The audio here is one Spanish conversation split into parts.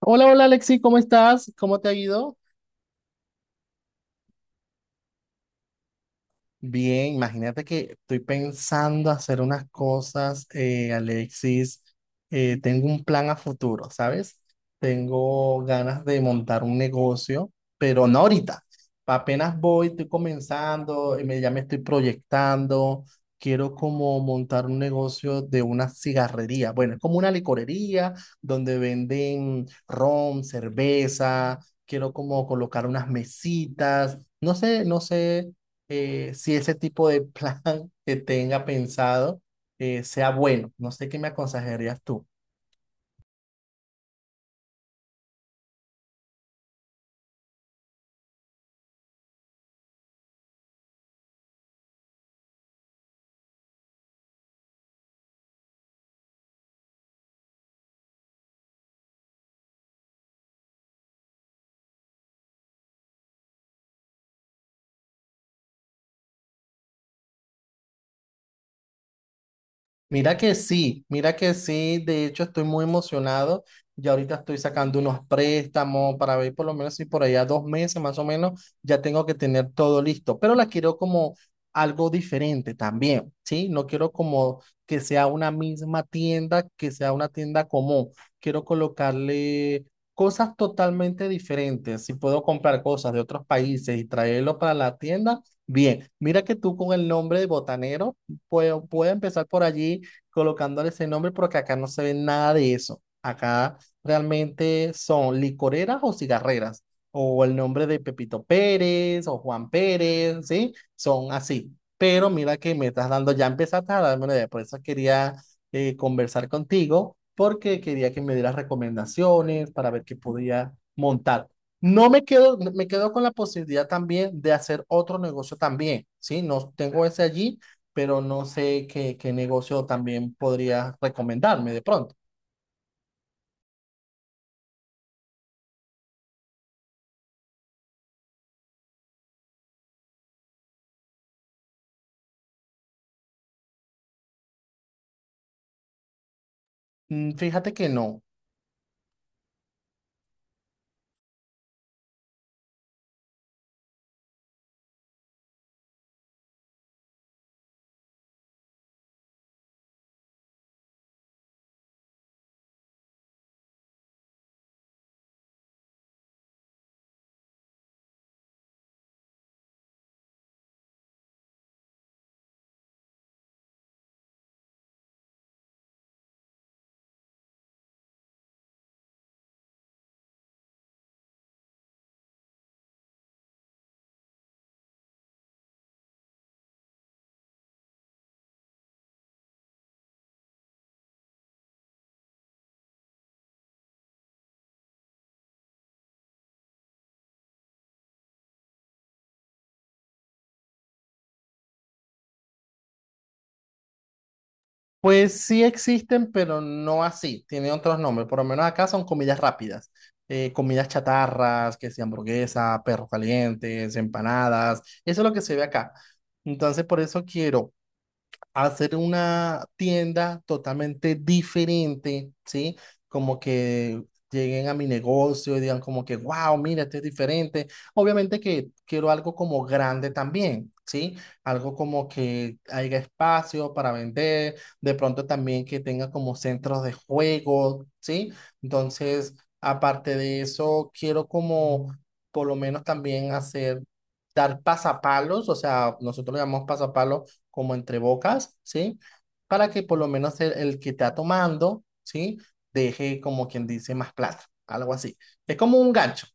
Hola, hola Alexi, ¿cómo estás? ¿Cómo te ha ido? Bien, imagínate que estoy pensando hacer unas cosas, Alexis. Tengo un plan a futuro, ¿sabes? Tengo ganas de montar un negocio, pero no ahorita. Apenas voy, estoy comenzando, ya me estoy proyectando. Quiero como montar un negocio de una cigarrería. Bueno, es como una licorería donde venden ron, cerveza. Quiero como colocar unas mesitas. No sé, si ese tipo de plan que tenga pensado sea bueno. No sé qué me aconsejarías tú. Mira que sí, de hecho estoy muy emocionado. Ya ahorita estoy sacando unos préstamos para ver por lo menos si por allá dos meses más o menos ya tengo que tener todo listo, pero la quiero como algo diferente también, ¿sí? No quiero como que sea una misma tienda, que sea una tienda común. Quiero colocarle cosas totalmente diferentes. Si puedo comprar cosas de otros países y traerlo para la tienda, bien. Mira que tú con el nombre de Botanero, puedo empezar por allí colocándole ese nombre porque acá no se ve nada de eso. Acá realmente son licoreras o cigarreras, o el nombre de Pepito Pérez o Juan Pérez, ¿sí? Son así. Pero mira que me estás dando, ya empezaste a darme una idea, por eso quería conversar contigo, porque quería que me dieras recomendaciones para ver qué podía montar. No me quedo, me quedo con la posibilidad también de hacer otro negocio también, ¿sí? No tengo ese allí, pero no sé qué, qué negocio también podría recomendarme de pronto. Mm, fíjate que no. Pues sí existen, pero no así. Tienen otros nombres. Por lo menos acá son comidas rápidas. Comidas chatarras, que sea hamburguesa, perros calientes, empanadas. Eso es lo que se ve acá. Entonces, por eso quiero hacer una tienda totalmente diferente, ¿sí? Como que lleguen a mi negocio y digan como que, wow, mira, esto es diferente. Obviamente que quiero algo como grande también, ¿sí? Algo como que haya espacio para vender, de pronto también que tenga como centros de juego, ¿sí? Entonces, aparte de eso, quiero como por lo menos también hacer... Dar pasapalos, o sea, nosotros le llamamos pasapalos como entre bocas, ¿sí? Para que por lo menos el que está tomando, ¿sí? Deje como quien dice más plata, algo así. Es como un gancho.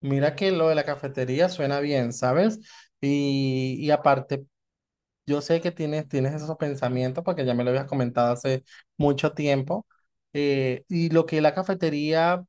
Mira que lo de la cafetería suena bien, ¿sabes? Y aparte, yo sé que tienes esos pensamientos porque ya me lo habías comentado hace mucho tiempo. Y lo que es la cafetería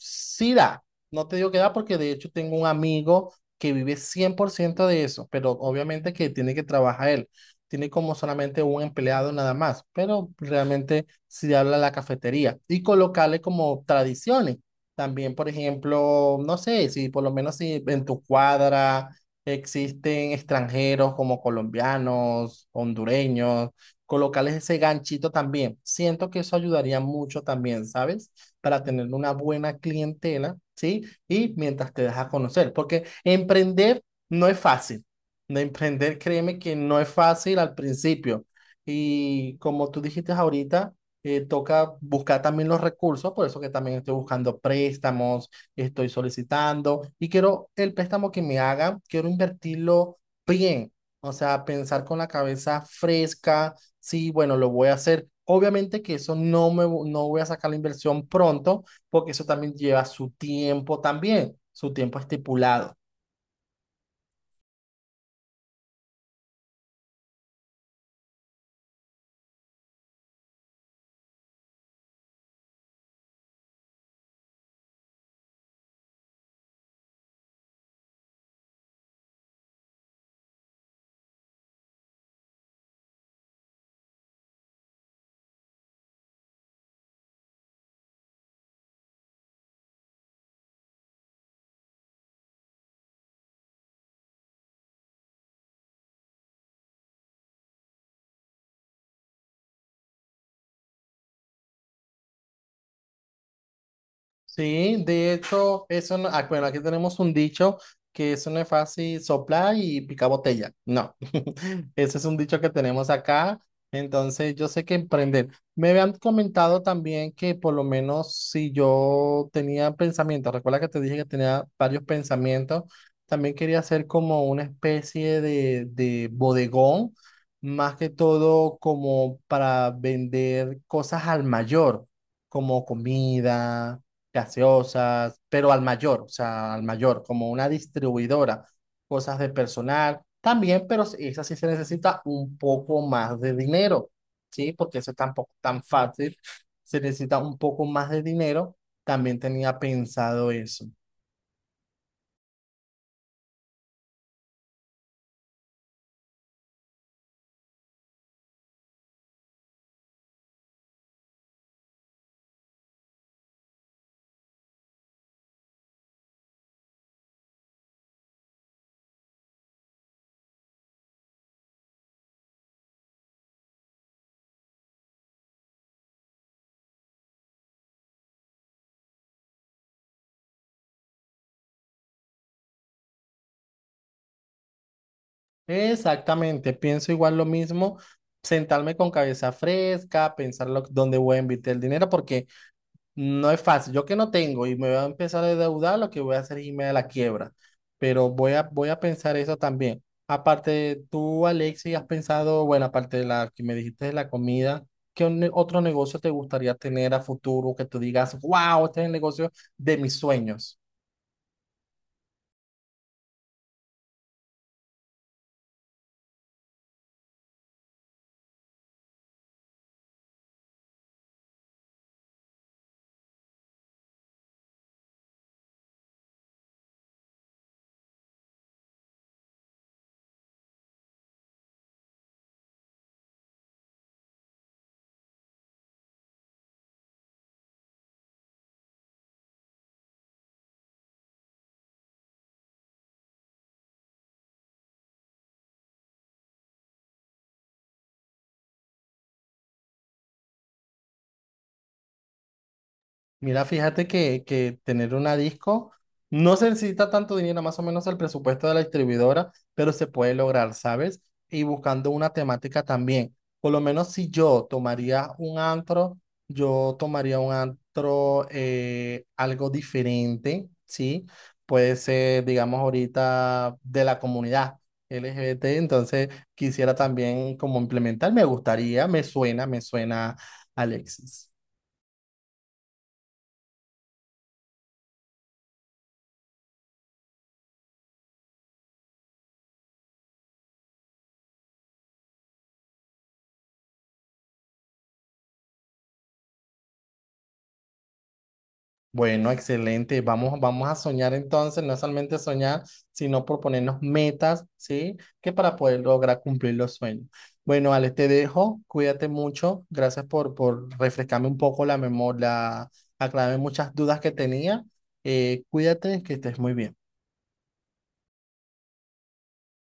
sí da, no te digo que da porque de hecho tengo un amigo que vive 100% de eso, pero obviamente que tiene que trabajar él. Tiene como solamente un empleado nada más, pero realmente sí habla la cafetería y colocarle como tradiciones. También, por ejemplo, no sé, si por lo menos si en tu cuadra existen extranjeros como colombianos, hondureños, colocarles ese ganchito también. Siento que eso ayudaría mucho también, ¿sabes? Para tener una buena clientela, ¿sí? Y mientras te dejas conocer, porque emprender no es fácil. De emprender, créeme que no es fácil al principio. Y como tú dijiste ahorita, toca buscar también los recursos, por eso que también estoy buscando préstamos, estoy solicitando y quiero el préstamo que me hagan, quiero invertirlo bien, o sea, pensar con la cabeza fresca. Sí, bueno, lo voy a hacer. Obviamente que eso no voy a sacar la inversión pronto, porque eso también lleva su tiempo también, su tiempo estipulado. Sí, de hecho, eso no, ah, bueno, aquí tenemos un dicho que eso no es fácil soplar y picar botella. No, ese es un dicho que tenemos acá. Entonces, yo sé que emprender. Me habían comentado también que por lo menos si yo tenía pensamientos, recuerda que te dije que tenía varios pensamientos, también quería hacer como una especie de bodegón, más que todo como para vender cosas al mayor, como comida, gaseosas, pero al mayor, o sea, al mayor, como una distribuidora, cosas de personal también, pero sí, esa sí se necesita un poco más de dinero, ¿sí? Porque eso tampoco es tan fácil, se necesita un poco más de dinero, también tenía pensado eso. Exactamente, pienso igual lo mismo, sentarme con cabeza fresca, pensar dónde voy a invertir el dinero, porque no es fácil. Yo que no tengo y me voy a empezar a endeudar, lo que voy a hacer es irme a la quiebra. Pero voy a, voy a pensar eso también. Aparte, tú, Alexis, has pensado, bueno, aparte de la que me dijiste de la comida, ¿qué otro negocio te gustaría tener a futuro que tú digas, wow, este es el negocio de mis sueños? Mira, fíjate que tener una disco no se necesita tanto dinero, más o menos el presupuesto de la distribuidora, pero se puede lograr, ¿sabes? Y buscando una temática también. Por lo menos si yo tomaría un antro, yo tomaría un antro algo diferente, ¿sí? Puede ser, digamos, ahorita de la comunidad LGBT, entonces quisiera también como implementar, me gustaría, me suena, Alexis. Bueno, excelente. Vamos, vamos a soñar entonces, no solamente soñar, sino proponernos metas, ¿sí? Que para poder lograr cumplir los sueños. Bueno, Alex, te dejo. Cuídate mucho. Gracias por refrescarme un poco la memoria, aclararme muchas dudas que tenía. Cuídate, que estés muy bien.